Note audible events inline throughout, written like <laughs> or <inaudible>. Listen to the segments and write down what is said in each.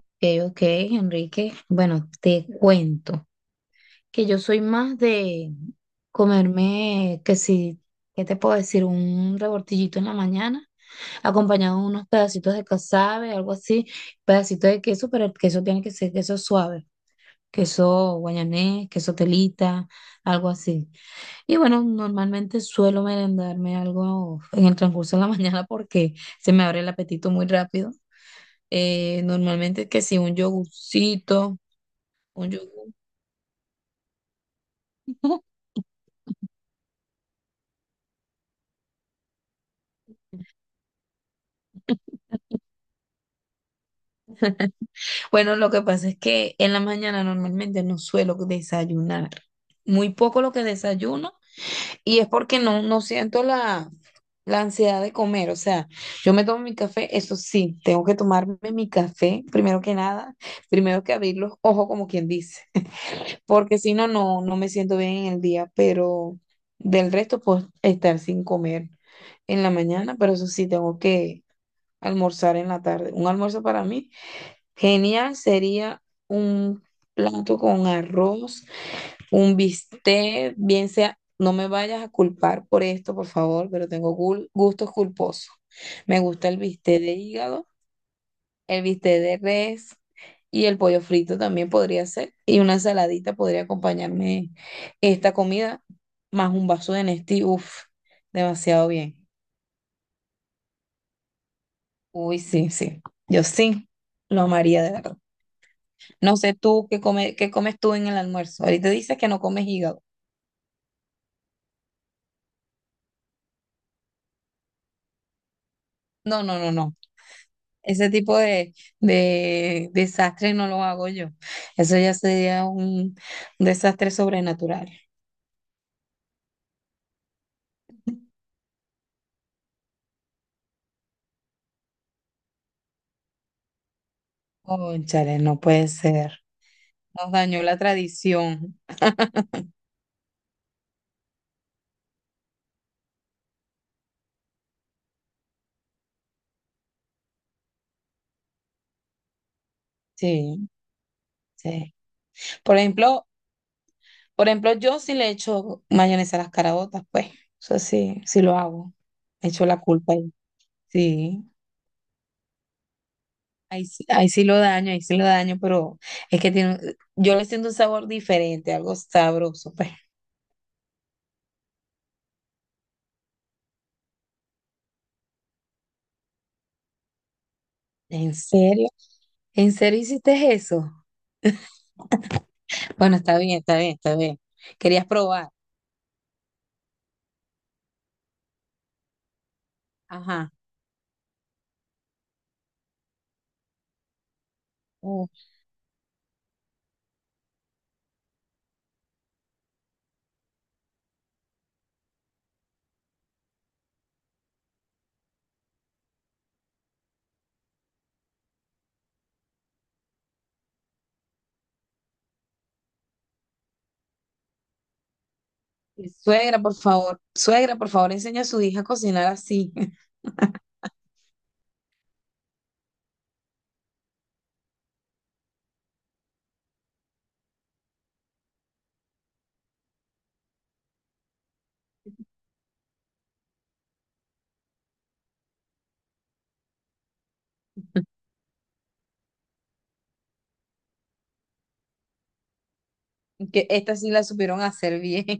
Ok, ok, Enrique. Bueno, te cuento que yo soy más de comerme, que si, ¿qué te puedo decir? Un rebortillito en la mañana, acompañado de unos pedacitos de casabe, algo así, pedacito de queso, pero el queso tiene que ser queso suave, queso guayanés, queso telita, algo así. Y bueno, normalmente suelo merendarme algo en el transcurso de la <laughs> mañana porque se me abre el apetito muy rápido. Normalmente que si un yogurcito. Un yogur. <laughs> Bueno, lo que pasa es que en la mañana normalmente no suelo desayunar. Muy poco lo que desayuno y es porque no siento la ansiedad de comer. O sea, yo me tomo mi café, eso sí, tengo que tomarme mi café primero que nada, primero que abrir los ojos como quien dice, <laughs> porque si no, no me siento bien en el día, pero del resto puedo estar sin comer en la mañana, pero eso sí, tengo que almorzar en la tarde. Un almuerzo para mí. Genial sería un plato con arroz, un bistec, bien sea, no me vayas a culpar por esto, por favor, pero tengo gustos culposos. Me gusta el bistec de hígado, el bistec de res y el pollo frito también podría ser. Y una saladita podría acompañarme esta comida, más un vaso de Nestí, uff, demasiado bien. Uy, sí, sí, yo sí, lo amaría de verdad. No sé tú qué come, qué comes tú en el almuerzo. Ahorita dices que no comes hígado. No, no, no, no. Ese tipo de desastre no lo hago yo. Eso ya sería un desastre sobrenatural. Cónchale, no puede ser. Nos dañó la tradición. Sí, sí. Por ejemplo, por ejemplo, yo sí le echo mayonesa a las caraotas pues. Eso sí, sí lo hago. Echo la culpa ahí. Sí. Ahí, sí ahí sí lo daño, ahí sí lo daño, pero es que tiene, yo le siento un sabor diferente, algo sabroso, pues. ¿En serio? ¿En serio hiciste eso? Bueno, está bien, está bien, está bien. Querías probar. Ajá. Oh, y suegra, por favor, suegra, por favor, enseña a su hija a cocinar así. <laughs> Que esta sí la supieron hacer bien. <laughs>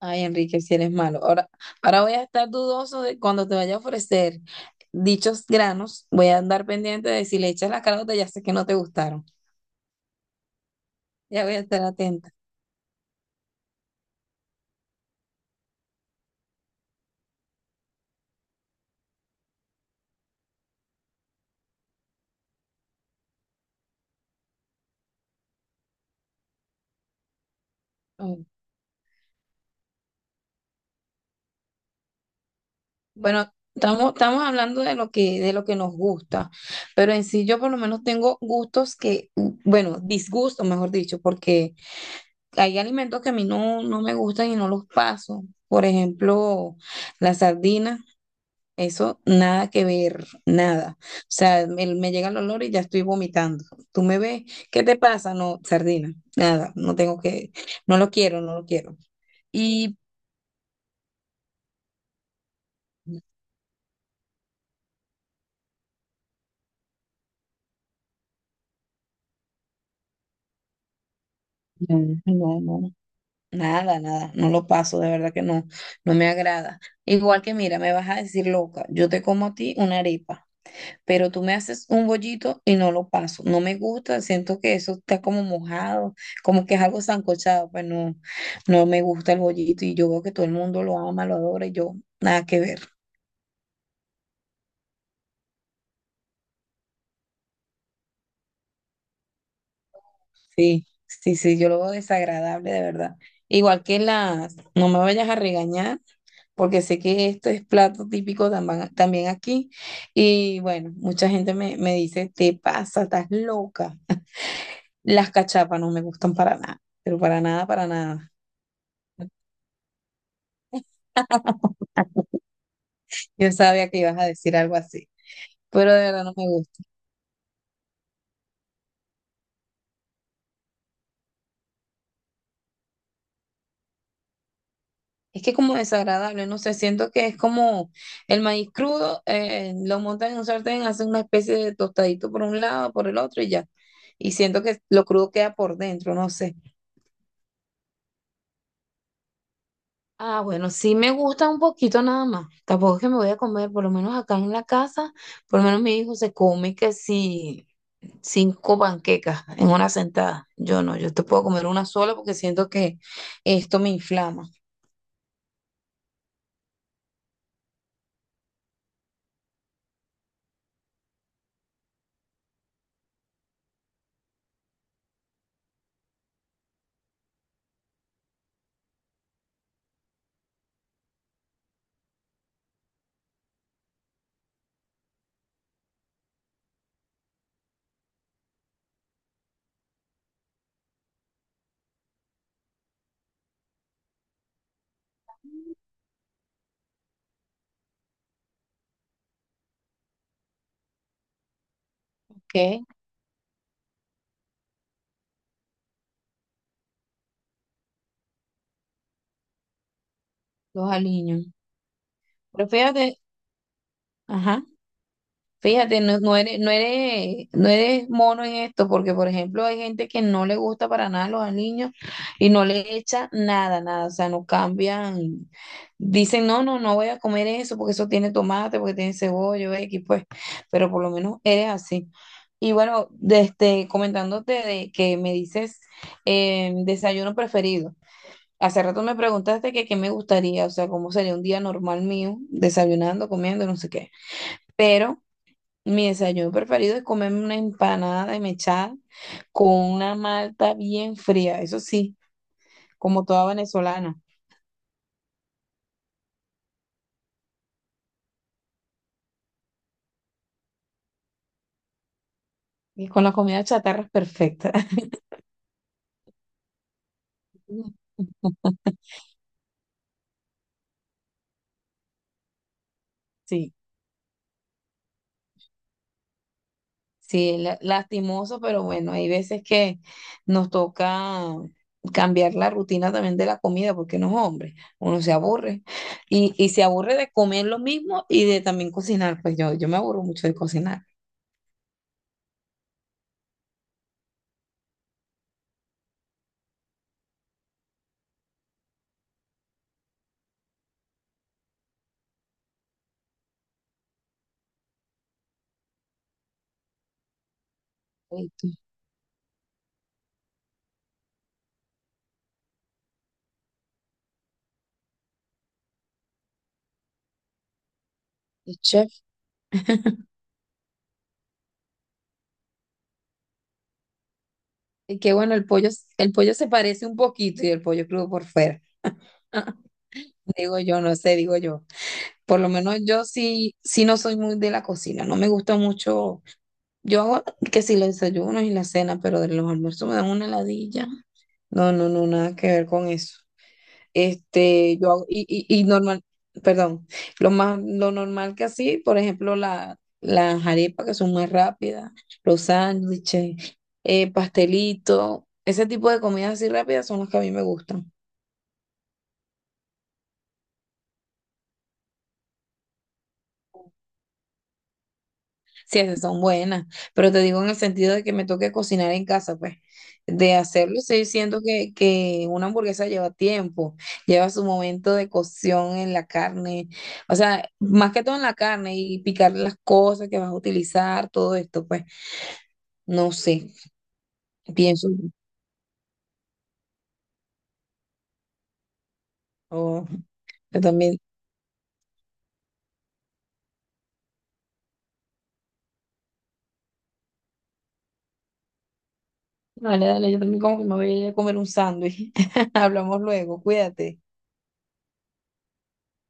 Ay, Enrique, si eres malo. Ahora, ahora voy a estar dudoso de cuando te vaya a ofrecer dichos granos. Voy a andar pendiente de si le echas las carotas, ya sé que no te gustaron. Ya voy a estar atenta. Mm. Bueno, estamos hablando de lo que nos gusta, pero en sí yo por lo menos tengo gustos que, mm, bueno, disgustos, mejor dicho, porque hay alimentos que a mí no, no me gustan y no los paso. Por ejemplo, la sardina, eso nada que ver, nada. O sea, me llega el olor y ya estoy vomitando. Tú me ves, ¿qué te pasa? No, sardina, nada, no tengo que, no lo quiero, no lo quiero. Y no, no, no. Nada, nada, no lo paso, de verdad que no, no me agrada. Igual que mira, me vas a decir loca, yo te como a ti una arepa, pero tú me haces un bollito y no lo paso, no me gusta, siento que eso está como mojado, como que es algo sancochado, pues no, no me gusta el bollito y yo veo que todo el mundo lo ama, lo adora y yo, nada que ver. Sí, sí, sí, yo lo veo desagradable, de verdad. Igual que las, no me vayas a regañar porque sé que esto es plato típico tamban- también aquí. Y bueno, mucha gente me dice, te pasa, estás loca. Las cachapas no me gustan para nada, pero para nada, para nada. Yo sabía que ibas a decir algo así, pero de verdad no me gusta. Es que como desagradable, no sé, siento que es como el maíz crudo, lo montan en un sartén, hacen una especie de tostadito por un lado, por el otro y ya. Y siento que lo crudo queda por dentro, no sé. Ah, bueno, sí me gusta un poquito nada más. Tampoco es que me voy a comer, por lo menos acá en la casa, por lo menos mi hijo se come que si cinco panquecas en una sentada. Yo no, yo te puedo comer una sola porque siento que esto me inflama, ¿ok? Los aliños. Pero fíjate, ajá. Fíjate, no, no eres, no eres, no eres mono en esto, porque por ejemplo hay gente que no le gusta para nada los aliños y no le echa nada, nada, o sea, no cambian, dicen, no, no, no voy a comer eso porque eso tiene tomate, porque tiene cebolla, X, pues, pero por lo menos eres así. Y bueno, de este, comentándote de que me dices desayuno preferido. Hace rato me preguntaste que qué me gustaría, o sea, cómo sería un día normal mío, desayunando, comiendo, no sé qué. Pero mi desayuno preferido es comerme una empanada de mechada con una malta bien fría, eso sí, como toda venezolana, y con la comida chatarra es perfecta. <laughs> Sí, sí, lastimoso, pero bueno, hay veces que nos toca cambiar la rutina también de la comida, porque no es hombre, uno se aburre y se aburre de comer lo mismo y de también cocinar, pues yo me aburro mucho de cocinar. Ay, qué. Y que bueno, el pollo se parece un poquito y el pollo crudo por fuera. Digo yo, no sé, digo yo. Por lo menos yo sí, sí no soy muy de la cocina, no me gusta mucho. Yo hago que si los desayunos y la cena, pero de los almuerzos me dan una heladilla. No, no, no, nada que ver con eso. Este, y normal, perdón, lo más, lo normal que así, por ejemplo, la, las arepas que son más rápidas, los sándwiches, pastelito, ese tipo de comidas así rápidas son las que a mí me gustan. Sí, esas son buenas, pero te digo en el sentido de que me toque cocinar en casa, pues, de hacerlo, estoy siento que una hamburguesa lleva tiempo, lleva su momento de cocción en la carne, o sea, más que todo en la carne y picar las cosas que vas a utilizar, todo esto, pues, no sé, pienso, o yo también, dale, dale, yo también como que me voy a ir a comer un sándwich, <laughs> hablamos luego, cuídate.